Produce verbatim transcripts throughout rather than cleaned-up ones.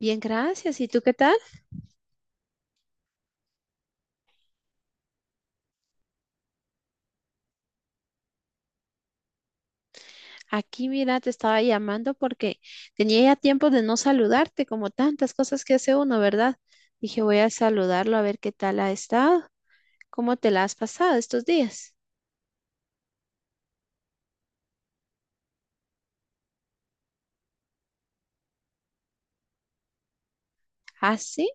Bien, gracias. ¿Y tú qué tal? Aquí, mira, te estaba llamando porque tenía ya tiempo de no saludarte, como tantas cosas que hace uno, ¿verdad? Dije, voy a saludarlo a ver qué tal ha estado, cómo te la has pasado estos días. Ah, sí,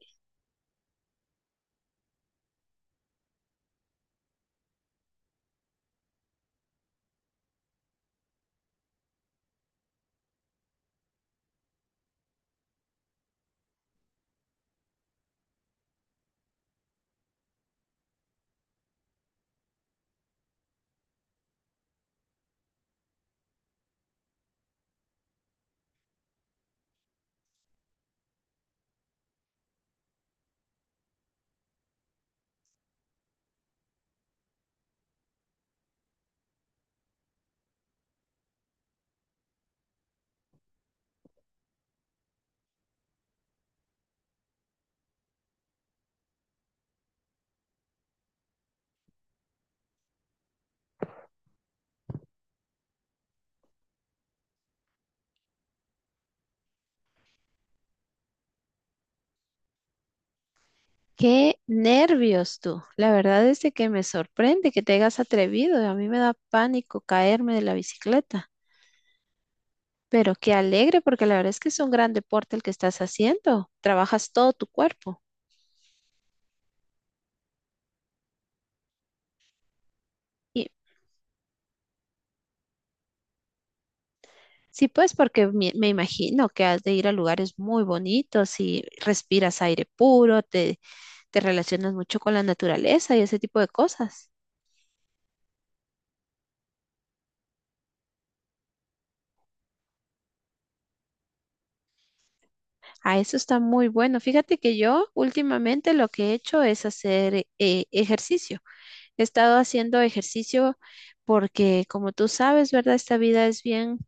qué nervios tú. La verdad es de que me sorprende que te hayas atrevido. A mí me da pánico caerme de la bicicleta. Pero qué alegre, porque la verdad es que es un gran deporte el que estás haciendo. Trabajas todo tu cuerpo. Sí, pues porque me, me imagino que has de ir a lugares muy bonitos y respiras aire puro, te, te relacionas mucho con la naturaleza y ese tipo de cosas. Ah, eso está muy bueno. Fíjate que yo últimamente lo que he hecho es hacer eh, ejercicio. He estado haciendo ejercicio porque, como tú sabes, ¿verdad? Esta vida es bien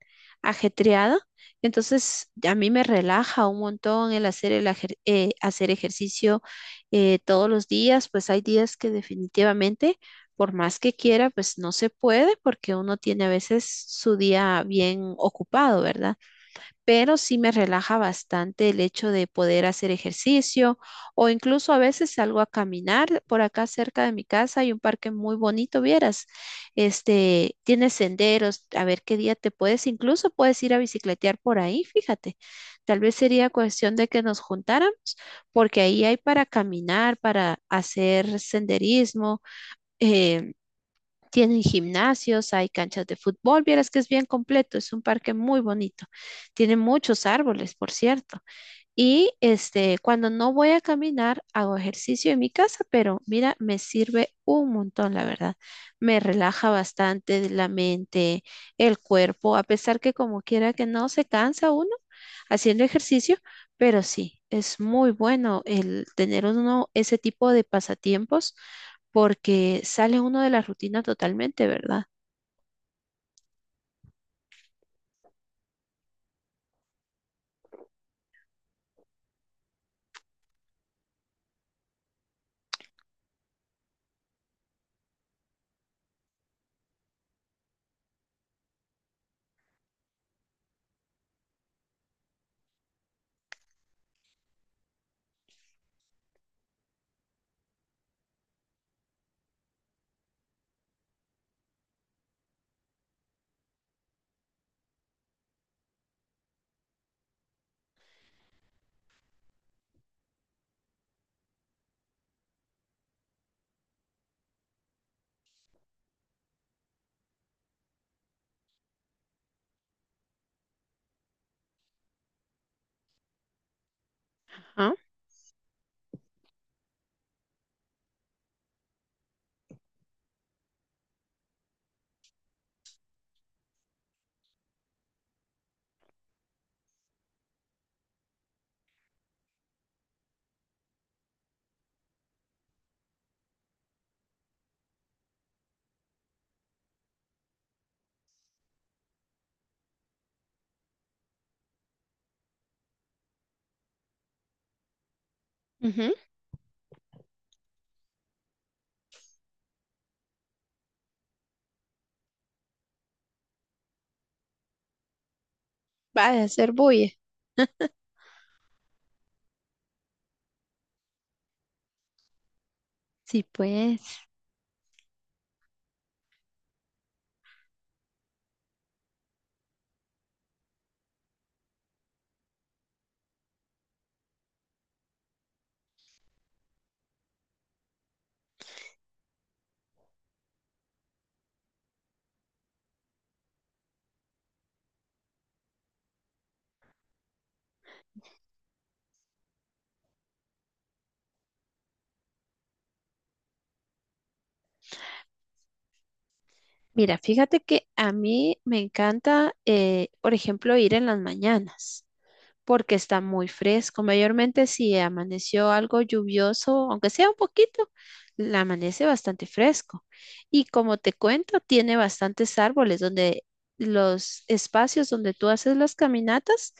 ajetreada. Entonces, a mí me relaja un montón el hacer, el ejer- eh, hacer ejercicio eh, todos los días. Pues hay días que, definitivamente, por más que quiera, pues no se puede porque uno tiene a veces su día bien ocupado, ¿verdad? Pero sí me relaja bastante el hecho de poder hacer ejercicio, o incluso a veces salgo a caminar por acá cerca de mi casa. Hay un parque muy bonito, vieras, este, tiene senderos. A ver qué día te puedes, incluso puedes ir a bicicletear por ahí, fíjate, tal vez sería cuestión de que nos juntáramos, porque ahí hay para caminar, para hacer senderismo, eh, tienen gimnasios, hay canchas de fútbol. Vieras que es bien completo, es un parque muy bonito. Tiene muchos árboles, por cierto. Y este, cuando no voy a caminar, hago ejercicio en mi casa, pero mira, me sirve un montón, la verdad. Me relaja bastante la mente, el cuerpo, a pesar que como quiera que no se cansa uno haciendo ejercicio, pero sí, es muy bueno el tener uno ese tipo de pasatiempos porque sale uno de la rutina totalmente, ¿verdad? Ajá, ujú. Va a hacer bulla. Sí, pues. Mira, fíjate que a mí me encanta, eh, por ejemplo, ir en las mañanas, porque está muy fresco. Mayormente si amaneció algo lluvioso, aunque sea un poquito, la amanece bastante fresco. Y como te cuento, tiene bastantes árboles donde los espacios donde tú haces las caminatas,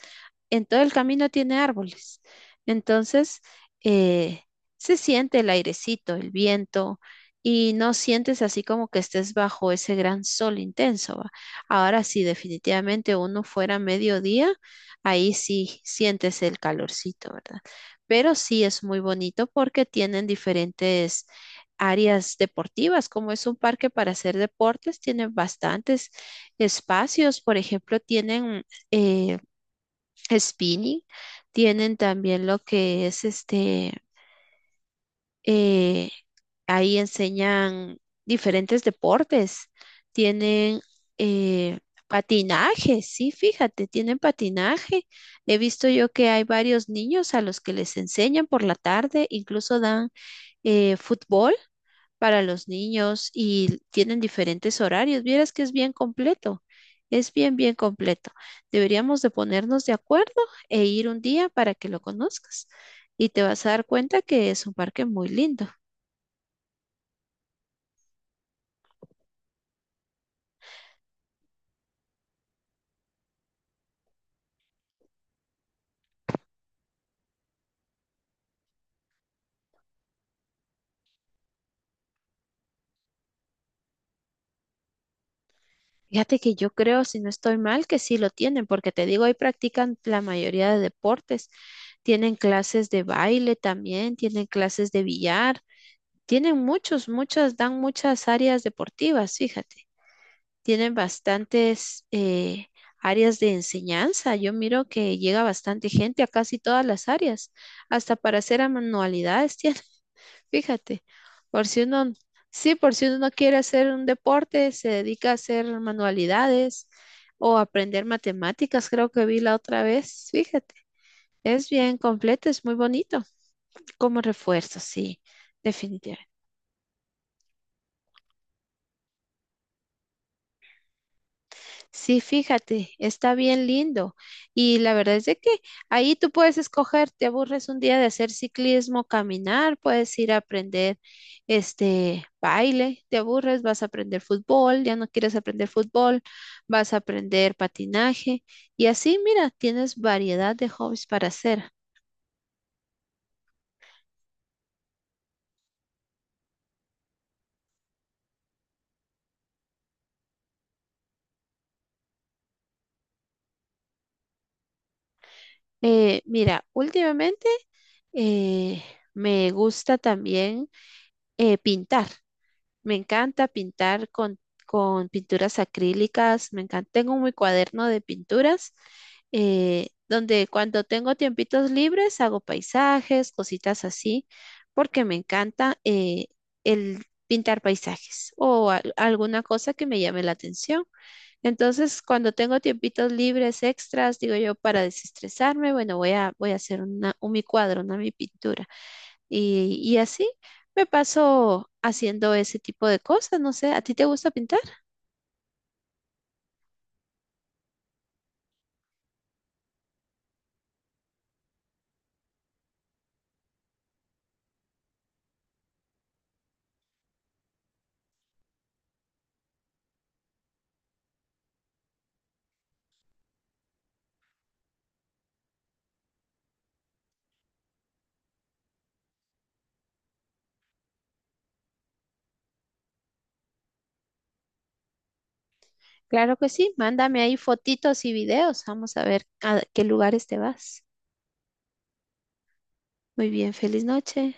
en todo el camino tiene árboles. Entonces, eh, se siente el airecito, el viento. Y no sientes así como que estés bajo ese gran sol intenso, ¿va? Ahora, si definitivamente uno fuera a mediodía, ahí sí sientes el calorcito, ¿verdad? Pero sí es muy bonito porque tienen diferentes áreas deportivas. Como es un parque para hacer deportes, tienen bastantes espacios. Por ejemplo, tienen eh, spinning, tienen también lo que es este, eh, ahí enseñan diferentes deportes. Tienen eh, patinaje, sí, fíjate, tienen patinaje. He visto yo que hay varios niños a los que les enseñan por la tarde, incluso dan eh, fútbol para los niños, y tienen diferentes horarios. Vieras que es bien completo, es bien, bien completo. Deberíamos de ponernos de acuerdo e ir un día para que lo conozcas y te vas a dar cuenta que es un parque muy lindo. Fíjate que yo creo, si no estoy mal, que sí lo tienen, porque te digo, ahí practican la mayoría de deportes. Tienen clases de baile también, tienen clases de billar, tienen muchos, muchas, dan muchas áreas deportivas, fíjate. Tienen bastantes eh, áreas de enseñanza. Yo miro que llega bastante gente a casi todas las áreas, hasta para hacer manualidades tienen. Fíjate, por si uno, sí, por si uno no quiere hacer un deporte, se dedica a hacer manualidades o aprender matemáticas, creo que vi la otra vez. Fíjate, es bien completo, es muy bonito como refuerzo, sí, definitivamente. Sí, fíjate, está bien lindo. Y la verdad es de que ahí tú puedes escoger. Te aburres un día de hacer ciclismo, caminar, puedes ir a aprender este baile; te aburres, vas a aprender fútbol; ya no quieres aprender fútbol, vas a aprender patinaje. Y así, mira, tienes variedad de hobbies para hacer. Eh, mira, últimamente eh, me gusta también eh, pintar. Me encanta pintar con, con pinturas acrílicas, me encanta. Tengo mi cuaderno de pinturas, eh, donde cuando tengo tiempitos libres hago paisajes, cositas así, porque me encanta eh, el pintar paisajes o al- alguna cosa que me llame la atención. Entonces, cuando tengo tiempitos libres extras, digo yo, para desestresarme, bueno, voy a, voy a hacer una, un mi cuadro, una mi pintura. Y, y así me paso haciendo ese tipo de cosas. No sé, ¿a ti te gusta pintar? Claro que sí, mándame ahí fotitos y videos, vamos a ver a qué lugares te vas. Muy bien, feliz noche.